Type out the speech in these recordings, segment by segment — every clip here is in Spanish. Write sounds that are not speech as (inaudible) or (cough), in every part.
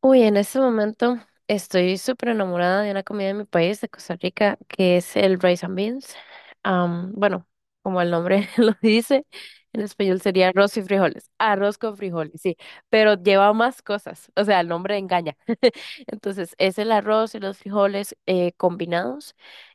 Uy, en este momento estoy súper enamorada de una comida de mi país, de Costa Rica, que es el rice and beans. Am, bueno, como el nombre (laughs) lo dice, en español sería arroz y frijoles. Arroz con frijoles, sí, pero lleva más cosas, o sea, el nombre engaña. (laughs) Entonces, es el arroz y los frijoles combinados.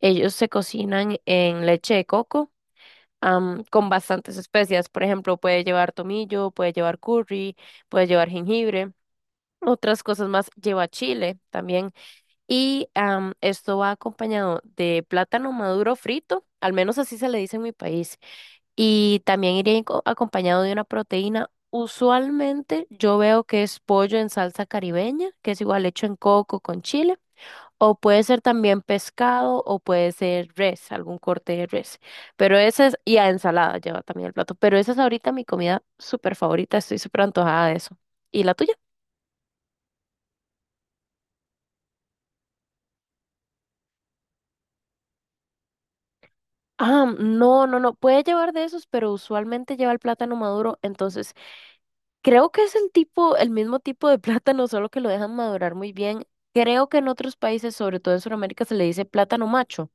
Ellos se cocinan en leche de coco. Con bastantes especias, por ejemplo, puede llevar tomillo, puede llevar curry, puede llevar jengibre. Otras cosas más lleva chile también. Y esto va acompañado de plátano maduro frito, al menos así se le dice en mi país. Y también iría acompañado de una proteína. Usualmente yo veo que es pollo en salsa caribeña, que es igual hecho en coco con chile. O puede ser también pescado o puede ser res, algún corte de res. Pero esa es, y a ensalada lleva también el plato. Pero esa es ahorita mi comida súper favorita, estoy súper antojada de eso. ¿Y la tuya? Ah, no, no, no, puede llevar de esos, pero usualmente lleva el plátano maduro, entonces creo que es el tipo, el mismo tipo de (laughs) plátano, solo que lo dejan madurar muy bien. Creo que en otros países, sobre todo en Sudamérica, se le dice plátano macho.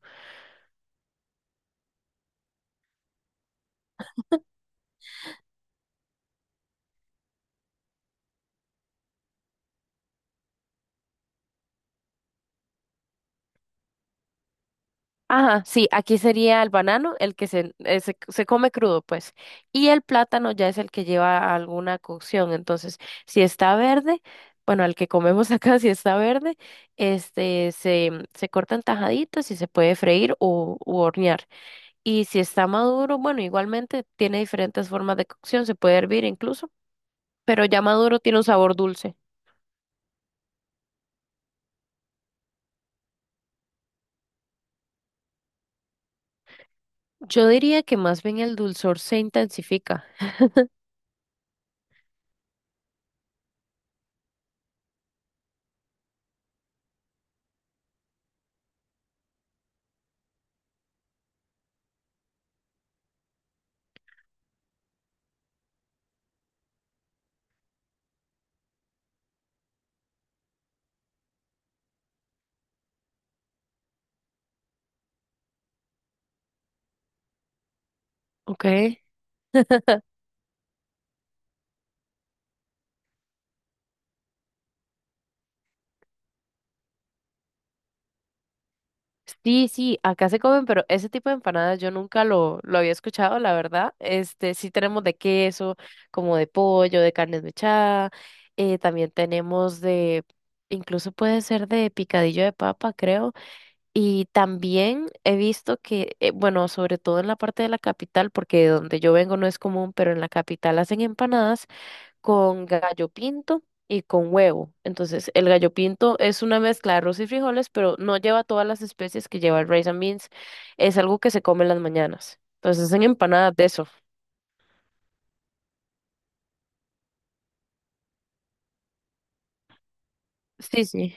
Ajá, sí, aquí sería el banano, el que se come crudo, pues. Y el plátano ya es el que lleva alguna cocción, entonces, si está verde, bueno, el que comemos acá, (laughs) si está verde, se cortan tajaditas y se puede freír o u hornear. Y si está maduro, bueno, igualmente tiene diferentes formas de cocción, se puede hervir incluso, pero ya maduro tiene un sabor dulce. Yo diría que más bien el dulzor se intensifica. Ok. Sí, sí, acá se comen, pero ese tipo de empanadas yo nunca lo había escuchado, la verdad. Este, sí tenemos de queso, como de pollo, de carne desmechada, también tenemos de, incluso puede ser de picadillo de papa, creo. Y también he visto que, bueno, sobre todo en la parte de la capital, porque de donde yo vengo no es común, pero en la capital hacen empanadas con gallo pinto y con huevo. Entonces, el gallo pinto es una mezcla de arroz y frijoles, pero no lleva todas las especies que lleva el rice and beans. Es algo que se come en las mañanas. Entonces, hacen empanadas de eso. Sí, sí.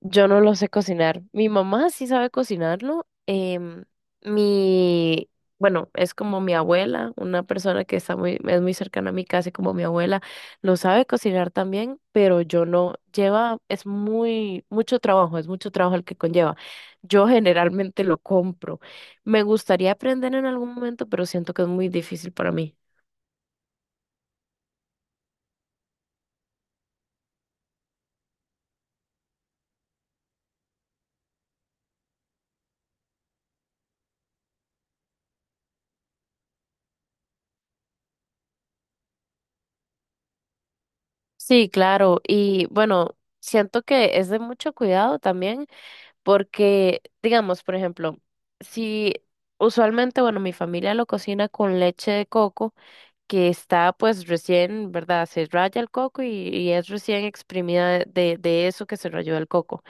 Yo no lo sé cocinar. Mi mamá sí sabe cocinarlo. Mi, bueno, es como mi abuela, una persona que está muy, es muy cercana a mí, casi como mi abuela, lo sabe cocinar también, pero yo no. Lleva, es muy, mucho trabajo, es mucho trabajo el que conlleva. Yo generalmente lo compro. Me gustaría aprender en algún momento, pero siento que es muy difícil para mí. Sí, claro. Y bueno, siento que es de mucho cuidado también. Porque, digamos, por ejemplo, si usualmente, bueno, mi familia lo cocina con leche de coco, que está pues recién, ¿verdad? Se raya el coco y es recién exprimida de eso que se rayó el coco.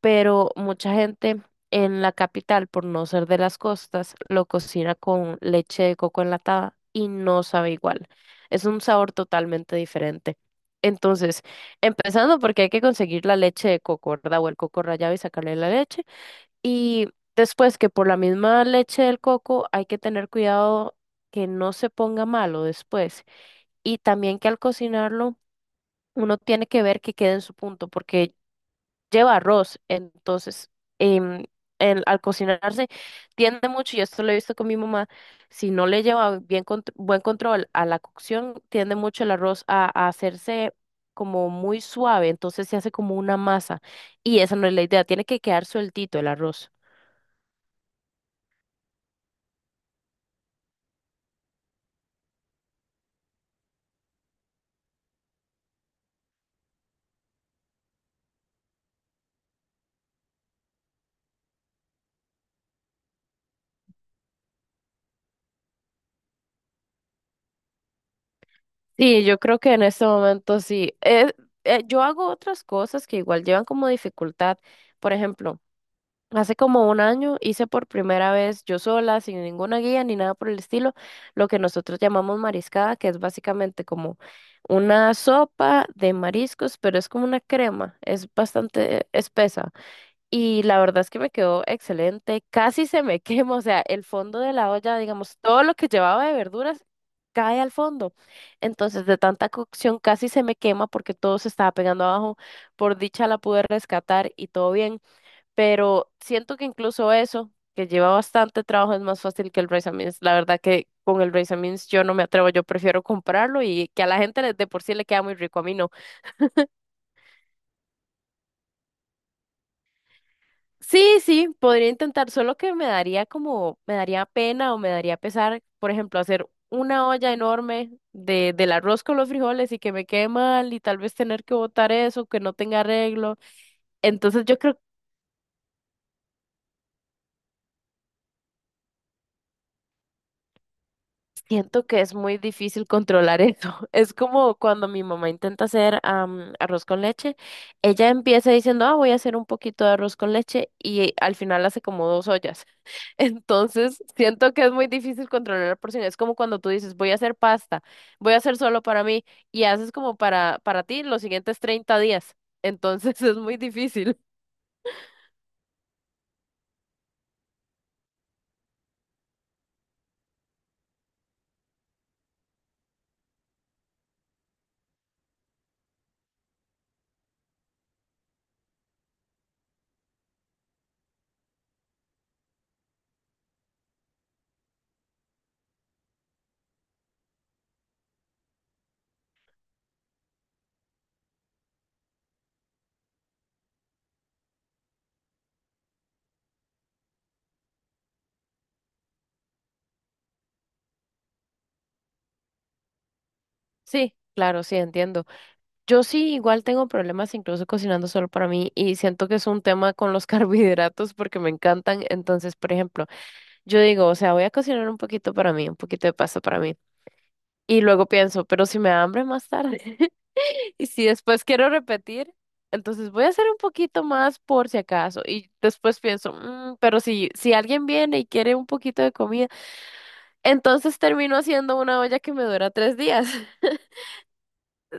Pero mucha gente en la capital, por no ser de las costas, lo cocina con leche de coco enlatada y no sabe igual. Es un sabor totalmente diferente. Entonces, empezando porque hay que conseguir la leche de coco, ¿verdad? O el coco rallado y sacarle la leche. Y después que por la misma leche del coco hay que tener cuidado que no se ponga malo después. Y también que al cocinarlo uno tiene que ver que quede en su punto porque lleva arroz. Entonces, em, al cocinarse tiende mucho, y esto lo he visto con mi mamá, si no le lleva bien buen control a la cocción, tiende mucho el arroz a hacerse como muy suave. Entonces se hace como una masa. Y esa no es la idea, tiene que quedar sueltito el arroz. Sí, yo creo que en este momento sí. Yo hago otras cosas que igual llevan como dificultad. Por ejemplo, hace como un año hice por primera vez yo sola, sin ninguna guía ni nada por el estilo, lo que nosotros llamamos mariscada, que es básicamente como una sopa de mariscos, pero es como una crema, es bastante espesa. Y la verdad es que me quedó excelente. Casi se me (laughs) quema, o sea, el fondo de la olla, digamos, todo lo que llevaba de verduras cae al fondo. Entonces, de tanta cocción casi se me quema porque todo se estaba pegando abajo. Por dicha la pude rescatar y todo bien. Pero siento que incluso eso, que lleva bastante trabajo, es más fácil que el rice and beans. La verdad que con el rice and beans yo no me atrevo, yo prefiero comprarlo y que a la gente de por sí le queda muy rico, a mí no. Sí, sí, podría intentar, solo que me daría como, me daría pena o me daría pesar, por ejemplo, hacer una olla enorme del arroz con los frijoles y que me quede mal y tal vez tener que botar eso, que no tenga arreglo. Entonces yo creo, Siento que es muy difícil controlar eso. (laughs) Es como cuando mi mamá intenta hacer arroz con leche, ella empieza diciendo, ah, voy a hacer un poquito de arroz con leche y al final hace como dos ollas. Entonces, siento que es muy difícil controlar la porción. Es como cuando tú dices, voy a hacer pasta, voy a hacer solo para mí, y haces como para ti los siguientes 30 días. Entonces, (laughs) es muy difícil. Sí, claro, sí, entiendo. Yo sí igual tengo problemas incluso cocinando solo para mí y siento que es un tema con los (laughs) carbohidratos porque me encantan. Entonces, por ejemplo, yo digo, o sea, voy a cocinar un poquito para mí, un poquito de pasta para mí. Y luego pienso, pero si me da hambre más tarde. Y si después quiero repetir, entonces voy a hacer un poquito más por si acaso. Y después pienso, "Mm, pero si alguien viene y quiere un poquito de comida, entonces termino haciendo una olla que me dura 3 días. (laughs)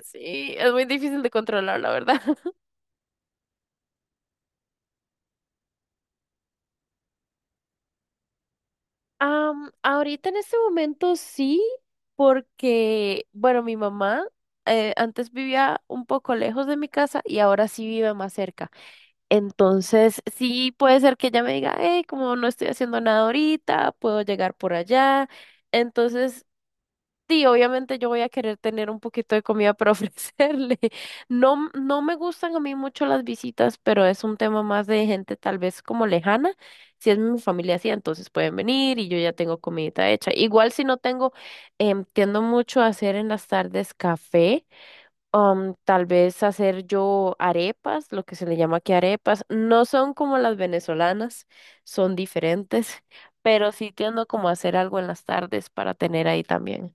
Sí, es muy difícil de controlar, la verdad. (laughs) Ahorita en este momento sí, porque, bueno, mi mamá antes vivía un poco lejos de mi casa y ahora sí vive más cerca. Entonces, sí puede ser que ella me diga, hey, como no estoy haciendo nada ahorita, puedo llegar por allá. Entonces, sí, obviamente yo voy a querer tener un poquito de comida para (laughs) ofrecerle. No, no me gustan a mí mucho las visitas, pero es un tema más de gente tal vez como lejana. Si es mi familia así, entonces pueden venir y yo ya tengo comidita hecha. Igual si no tengo, tiendo mucho a hacer en las tardes café tal vez hacer yo arepas, lo que se le llama aquí arepas. No son como las venezolanas, son diferentes, (laughs) pero sí tiendo como a hacer algo en las tardes para tener ahí también.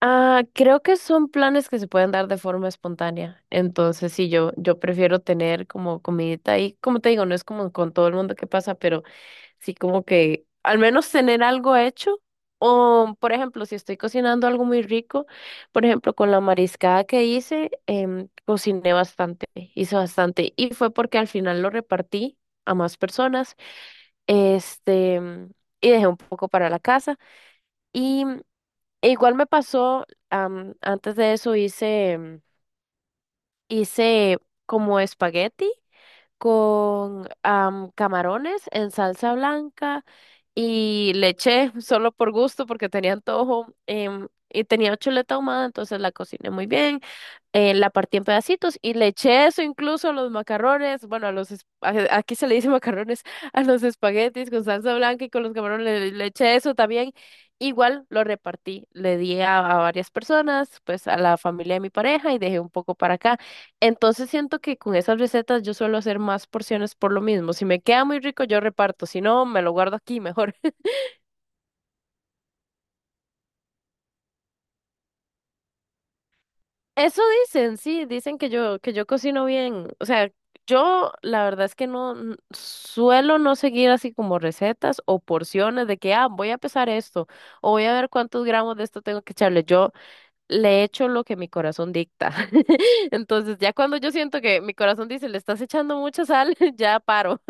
Ah, creo que son planes que se pueden dar de forma espontánea. Entonces, sí, yo prefiero tener como comidita ahí. Como te digo, no es como con todo el mundo que pasa, pero sí, como que al menos tener algo hecho. O, por ejemplo, si estoy cocinando algo muy rico, por ejemplo, con la mariscada que hice, cociné bastante, hice bastante. Y fue porque al final lo repartí a más personas, este, em, y dejé un poco para la casa. Y e igual me pasó, antes de eso hice como espagueti con camarones en salsa blanca y le eché (laughs) solo por gusto porque tenía antojo y tenía chuleta ahumada, entonces la cociné muy bien, la partí en pedacitos y le eché eso incluso a los macarrones, bueno, a los, es- a- aquí se le dice macarrones, (laughs) a los espaguetis con salsa blanca y con los camarones le eché eso también. Igual lo repartí, le di a varias personas, pues a la familia de mi pareja y dejé un poco para acá. Entonces siento que con esas recetas yo suelo hacer más porciones por lo mismo. Si me queda muy rico, yo reparto. Si no, me lo guardo aquí mejor. (laughs) Eso dicen, sí, dicen que que yo cocino bien. O sea, yo la verdad es que suelo no seguir así como recetas o porciones de que, ah, voy a pesar esto o voy a ver cuántos gramos de esto tengo que echarle. Yo le echo lo que mi corazón dicta. (laughs) Entonces, ya cuando yo siento que mi corazón dice, le estás echando mucha sal, (laughs) ya paro.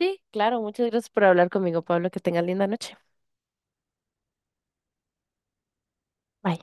Sí, claro, muchas gracias por hablar conmigo, Pablo. Que tengas linda noche. Bye.